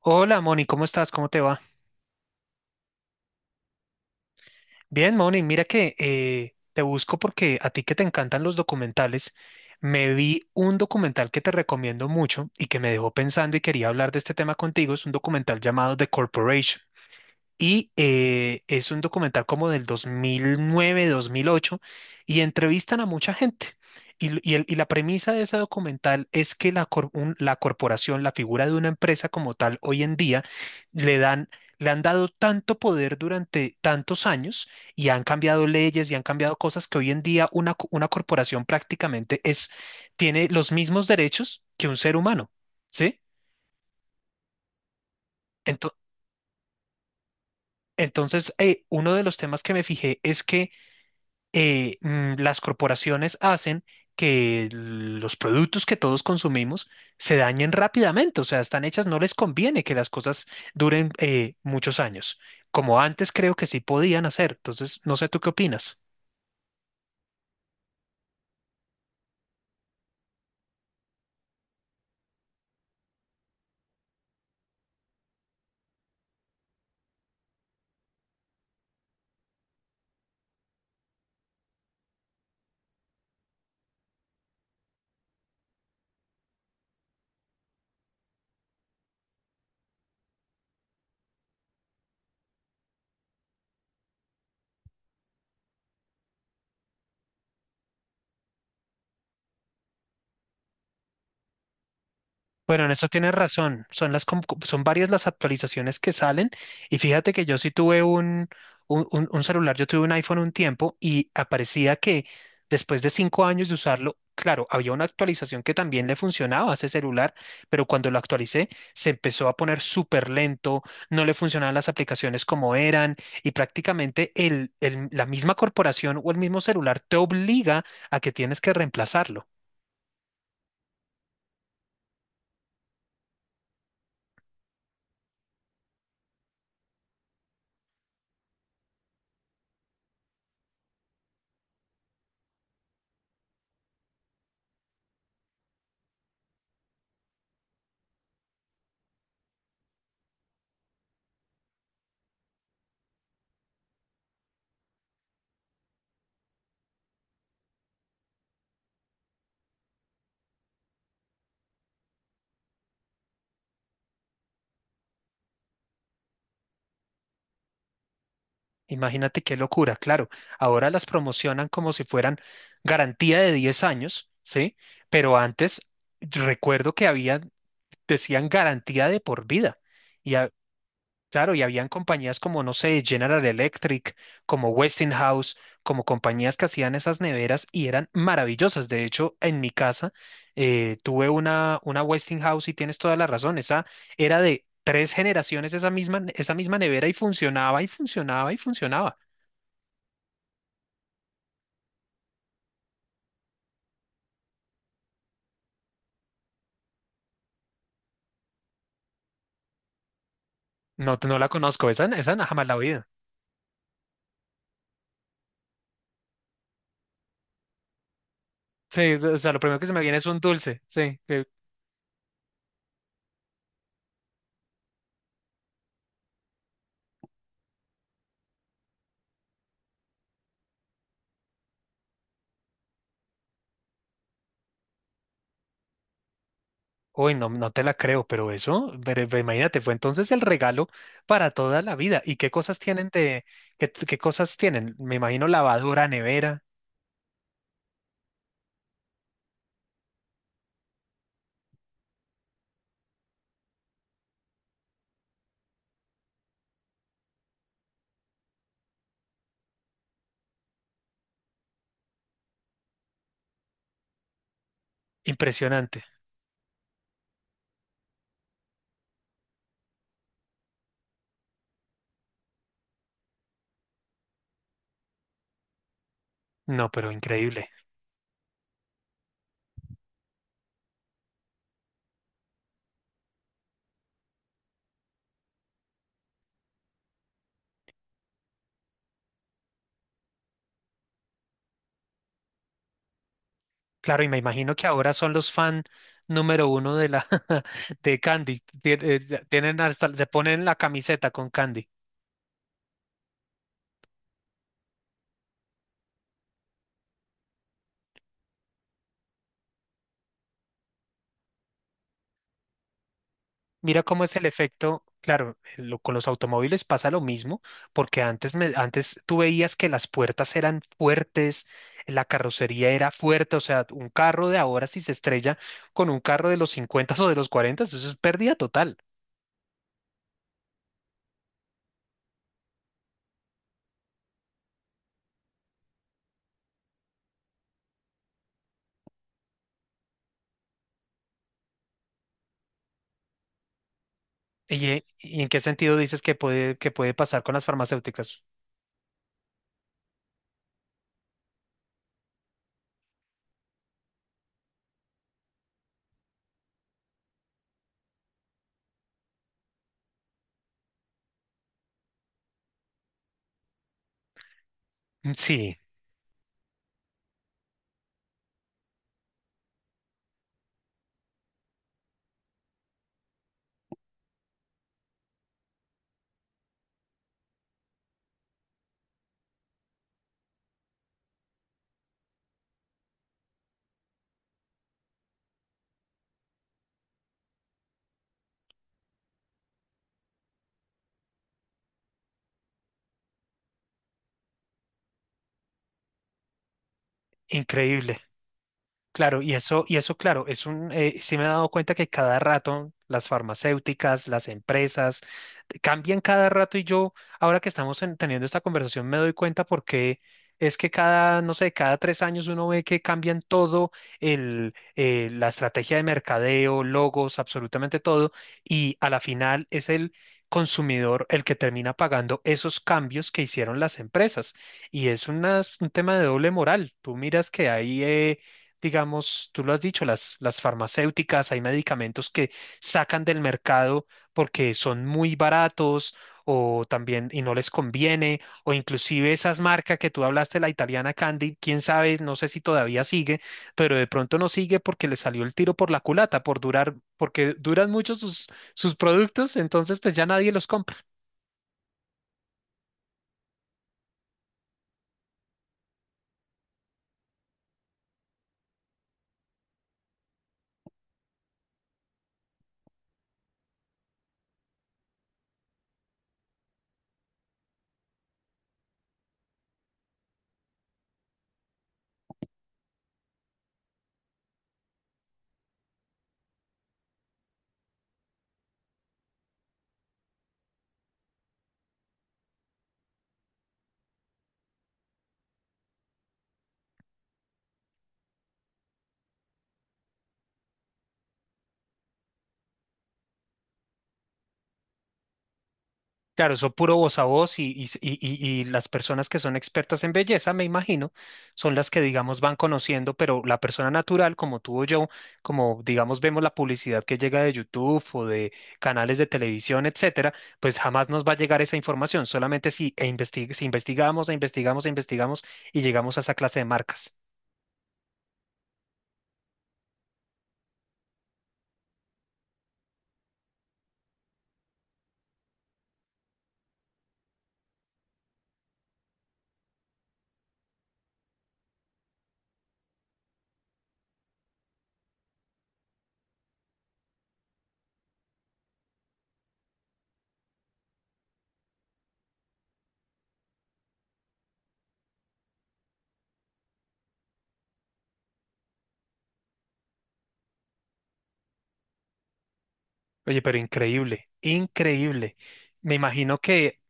Hola Moni, ¿cómo estás? ¿Cómo te va? Bien, Moni, mira que te busco porque a ti que te encantan los documentales, me vi un documental que te recomiendo mucho y que me dejó pensando y quería hablar de este tema contigo. Es un documental llamado The Corporation. Y es un documental como del dos mil nueve dos mil ocho y entrevistan a mucha gente. Y la premisa de ese documental es que la corporación, la figura de una empresa como tal, hoy en día, le dan, le han dado tanto poder durante tantos años y han cambiado leyes y han cambiado cosas que hoy en día una corporación prácticamente es, tiene los mismos derechos que un ser humano, ¿sí? Ento- Entonces, uno de los temas que me fijé es que las corporaciones hacen que los productos que todos consumimos se dañen rápidamente, o sea, están hechas, no les conviene que las cosas duren muchos años, como antes creo que sí podían hacer. Entonces, no sé tú qué opinas. Bueno, en eso tienes razón. Son varias las actualizaciones que salen. Y fíjate que yo sí tuve un celular, yo tuve un iPhone un tiempo y aparecía que después de cinco años de usarlo, claro, había una actualización que también le funcionaba a ese celular, pero cuando lo actualicé se empezó a poner súper lento, no le funcionaban las aplicaciones como eran y prácticamente la misma corporación o el mismo celular te obliga a que tienes que reemplazarlo. Imagínate qué locura, claro. Ahora las promocionan como si fueran garantía de 10 años, ¿sí? Pero antes recuerdo que había, decían garantía de por vida. Y ha- claro, y habían compañías como, no sé, General Electric, como Westinghouse, como compañías que hacían esas neveras y eran maravillosas. De hecho, en mi casa tuve una Westinghouse y tienes toda la razón. Esa era de tres generaciones, esa misma nevera y funcionaba y funcionaba y funcionaba. No, no la conozco, esa, jamás la he oído. Sí, o sea, lo primero que se me viene es un dulce, sí. Uy, no, no te la creo, pero eso, pero imagínate, fue entonces el regalo para toda la vida. ¿Y qué cosas tienen de, qué, qué cosas tienen? Me imagino lavadora, nevera, impresionante. No, pero increíble. Claro, y me imagino que ahora son los fan número uno de la de Candy. Tienen hasta, se ponen la camiseta con Candy. Mira cómo es el efecto, claro, con los automóviles pasa lo mismo, porque antes, antes tú veías que las puertas eran fuertes, la carrocería era fuerte, o sea, un carro de ahora si se estrella con un carro de los 50 o de los 40, eso es pérdida total. Y en qué sentido dices que puede pasar con las farmacéuticas? Sí, increíble. Claro, y eso, claro, es un, sí me he dado cuenta que cada rato las farmacéuticas, las empresas, cambian cada rato y yo, ahora que teniendo esta conversación, me doy cuenta porque es que cada, no sé, cada tres años uno ve que cambian todo, la estrategia de mercadeo, logos, absolutamente todo, y a la final es el consumidor el que termina pagando esos cambios que hicieron las empresas. Y es un tema de doble moral. Tú miras que hay... digamos, tú lo has dicho, las farmacéuticas, hay medicamentos que sacan del mercado porque son muy baratos o también y no les conviene, o inclusive esas marcas que tú hablaste, la italiana Candy, quién sabe, no sé si todavía sigue, pero de pronto no sigue porque le salió el tiro por la culata, por durar, porque duran mucho sus, sus productos, entonces pues ya nadie los compra. Claro, eso puro voz a voz y las personas que son expertas en belleza, me imagino, son las que, digamos, van conociendo, pero la persona natural, como tú o yo, como, digamos, vemos la publicidad que llega de YouTube o de canales de televisión, etcétera, pues jamás nos va a llegar esa información, solamente si investigamos, e investigamos, e investigamos y llegamos a esa clase de marcas. Oye, pero increíble, increíble. Me imagino que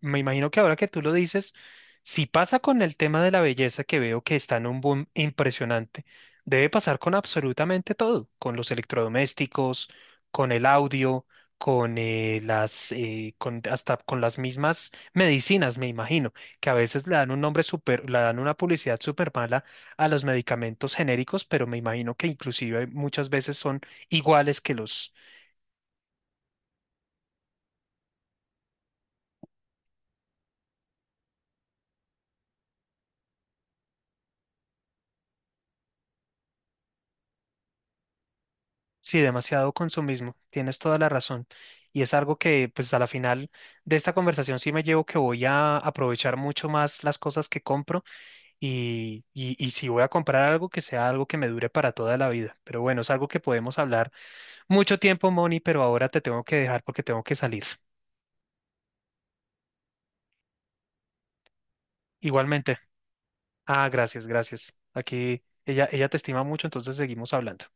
Me imagino que ahora que tú lo dices, si pasa con el tema de la belleza que veo que está en un boom impresionante, debe pasar con absolutamente todo, con los electrodomésticos, con el audio, con con, hasta con las mismas medicinas, me imagino, que a veces le dan un nombre súper, le dan una publicidad súper mala a los medicamentos genéricos, pero me imagino que inclusive muchas veces son iguales. Sí, demasiado consumismo, tienes toda la razón. Y es algo que, pues a la final de esta conversación sí me llevo que voy a aprovechar mucho más las cosas que compro y si voy a comprar algo que sea algo que me dure para toda la vida. Pero bueno, es algo que podemos hablar mucho tiempo, Moni, pero ahora te tengo que dejar porque tengo que salir. Igualmente. Ah, gracias, gracias. Aquí ella te estima mucho, entonces seguimos hablando.